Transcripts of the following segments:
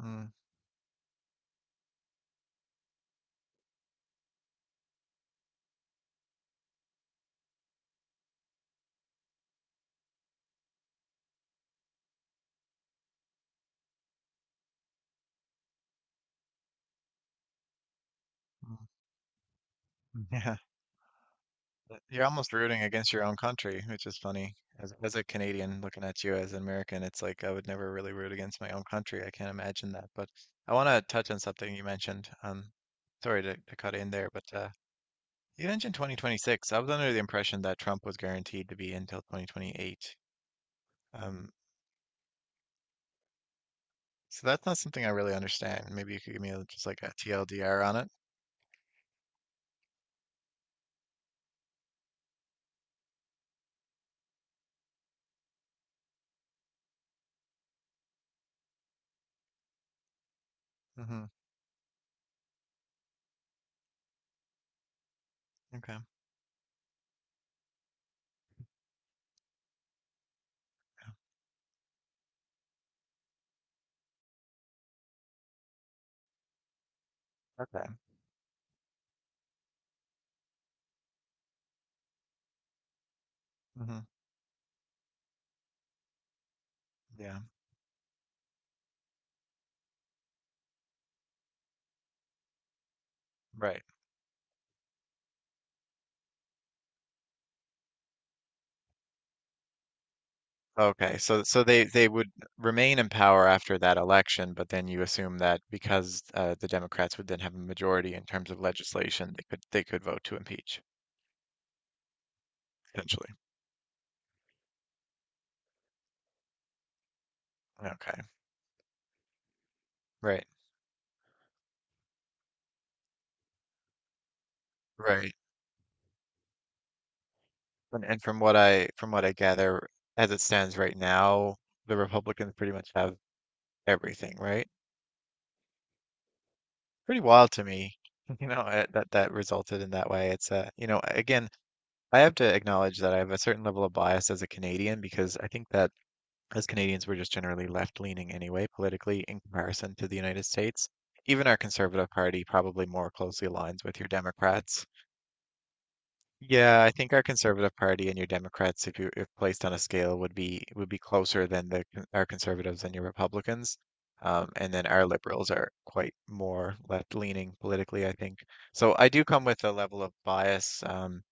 Mm, mm, yeah, but you're almost rooting against your own country, which is funny. As a Canadian looking at you as an American, it's like I would never really root against my own country. I can't imagine that. But I want to touch on something you mentioned. Sorry to cut in there, but you mentioned 2026. I was under the impression that Trump was guaranteed to be until 2028. Um, so that's not something I really understand. Maybe you could give me just like a TLDR on it. Mm-hmm. Okay. Okay. Mm-hmm. Yeah. Right. Okay, so they would remain in power after that election, but then you assume that because the Democrats would then have a majority in terms of legislation, they could vote to impeach potentially. Okay, right, right. And from what I gather, as it stands right now, the Republicans pretty much have everything, right? Pretty wild to me. That resulted in that way. It's again, I have to acknowledge that I have a certain level of bias as a Canadian because I think that as Canadians were just generally left leaning anyway, politically, in comparison to the United States. Even our Conservative Party probably more closely aligns with your Democrats. Yeah, I think our Conservative Party and your Democrats, if placed on a scale, would be closer than our Conservatives and your Republicans. And then our Liberals are quite more left leaning politically, I think. So I do come with a level of bias,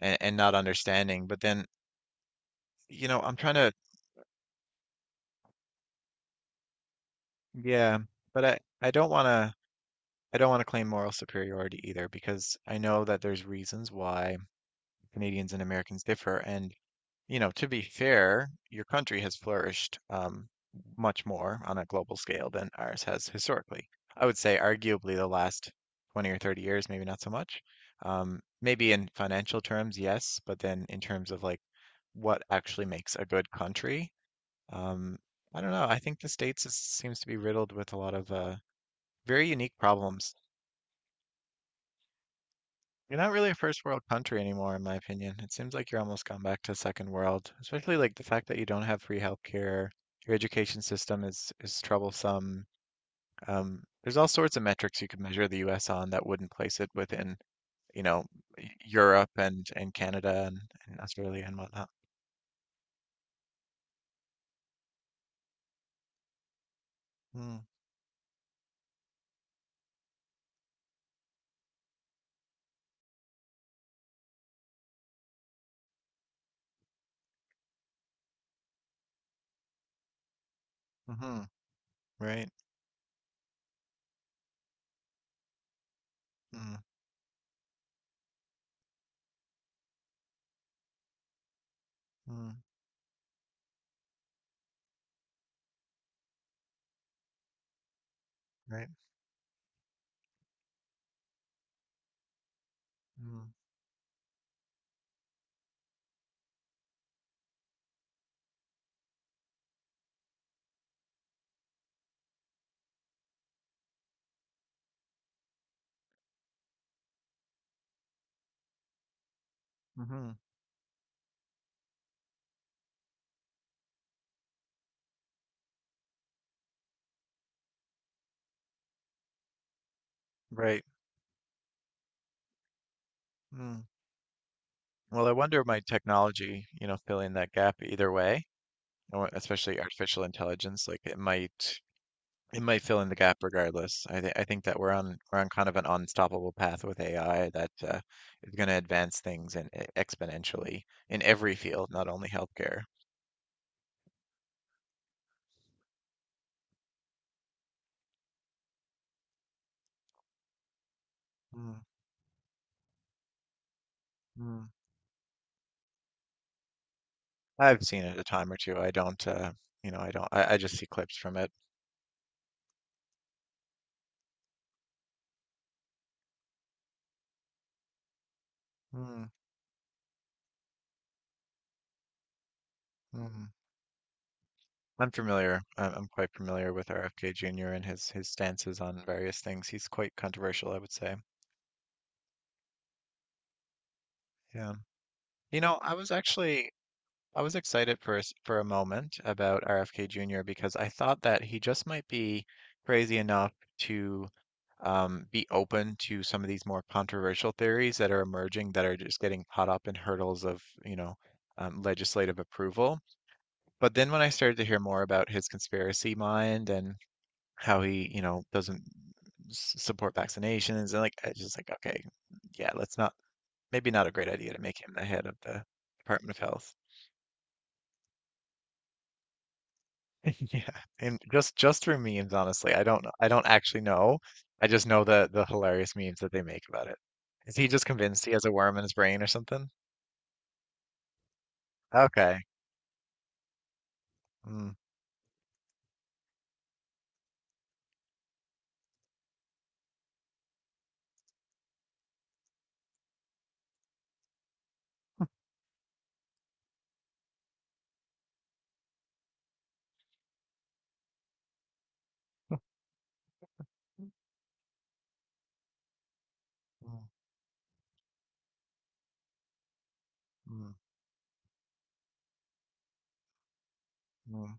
and not understanding. But then, you know, I'm trying to, yeah, but I don't want to. I don't want to claim moral superiority either because I know that there's reasons why Canadians and Americans differ. And, you know, to be fair, your country has flourished, much more on a global scale than ours has historically. I would say, arguably, the last 20 or 30 years, maybe not so much. Maybe in financial terms, yes, but then in terms of like what actually makes a good country, um, I don't know. I think the States seems to be riddled with a lot of very unique problems. You're not really a first world country anymore, in my opinion. It seems like you're almost gone back to second world, especially like the fact that you don't have free healthcare. Your education system is troublesome. There's all sorts of metrics you could measure the US on that wouldn't place it within, you know, Europe and Canada and Australia and whatnot. Mm, mm-hmm, right. Mm, mm, right. Mm, mm-hmm, right. Mm. Well, I wonder if my technology, you know, filling that gap either way. Especially artificial intelligence, like it might fill in the gap regardless. I think that we're on kind of an unstoppable path with AI that is going to advance things and exponentially in every field, not only healthcare. Mm, mm. I've seen it a time or two. I don't, you know, I don't. I just see clips from it. Mm, mm. I'm familiar. I'm quite familiar with RFK Jr. and his stances on various things. He's quite controversial, I would say. Yeah. You know, I was excited for for a moment about RFK Jr. because I thought that he just might be crazy enough to, be open to some of these more controversial theories that are emerging that are just getting caught up in hurdles of, you know, legislative approval. But then when I started to hear more about his conspiracy mind and how he, you know, doesn't support vaccinations and like, I was just like, okay, yeah, let's not, maybe not a great idea to make him the head of the Department of Health. Yeah, and just for memes, honestly. I don't actually know. I just know the hilarious memes that they make about it. Is he just convinced he has a worm in his brain or something? Okay. Mm, mm, mm, mm,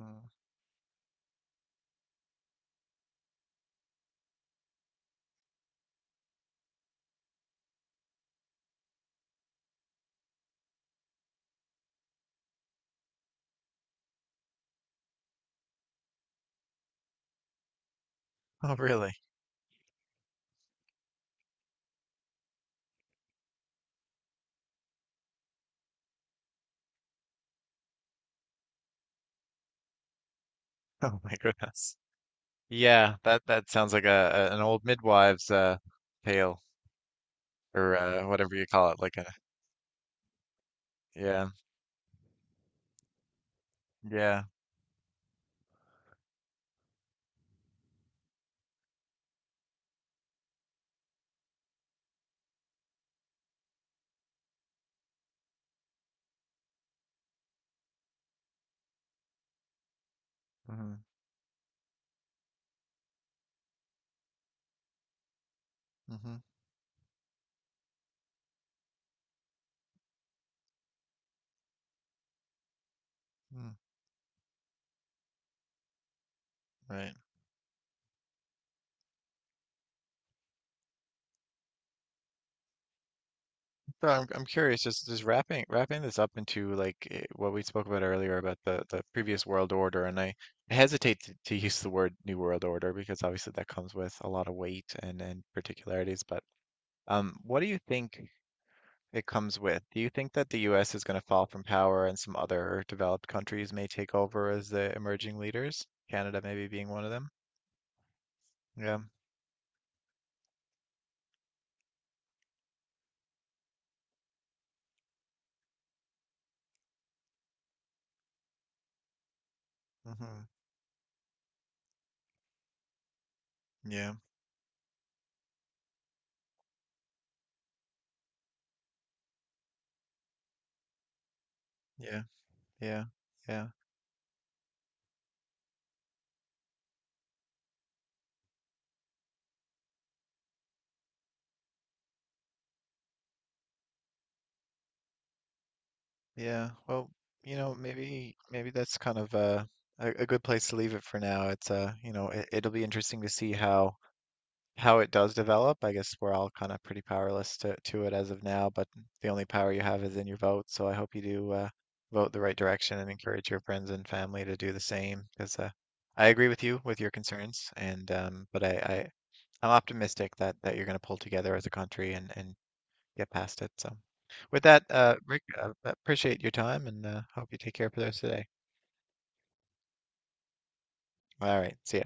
mm. Oh, really? Oh my goodness. Yeah, that that sounds like a, an old midwives tale or whatever you call it. Like a, yeah, yeah. Mm-hmm, mm-hmm, mm, right. So I'm curious, just wrapping this up into like what we spoke about earlier about the previous world order, and I hesitate to use the word new world order because obviously that comes with a lot of weight and particularities. But what do you think it comes with? Do you think that the U.S. is going to fall from power and some other developed countries may take over as the emerging leaders? Canada maybe being one of them. Yeah. Hmm. Yeah. Yeah. Yeah. Yeah. Yeah, well, you know, maybe that's kind of a good place to leave it for now. It's you know, it'll be interesting to see how it does develop. I guess we're all kind of pretty powerless to it as of now, but the only power you have is in your vote. So I hope you do, vote the right direction and encourage your friends and family to do the same. Because I agree with you with your concerns, and but I'm optimistic that that you're going to pull together as a country and get past it. So, with that, Rick, appreciate your time and hope you take care for those today. All right. See ya.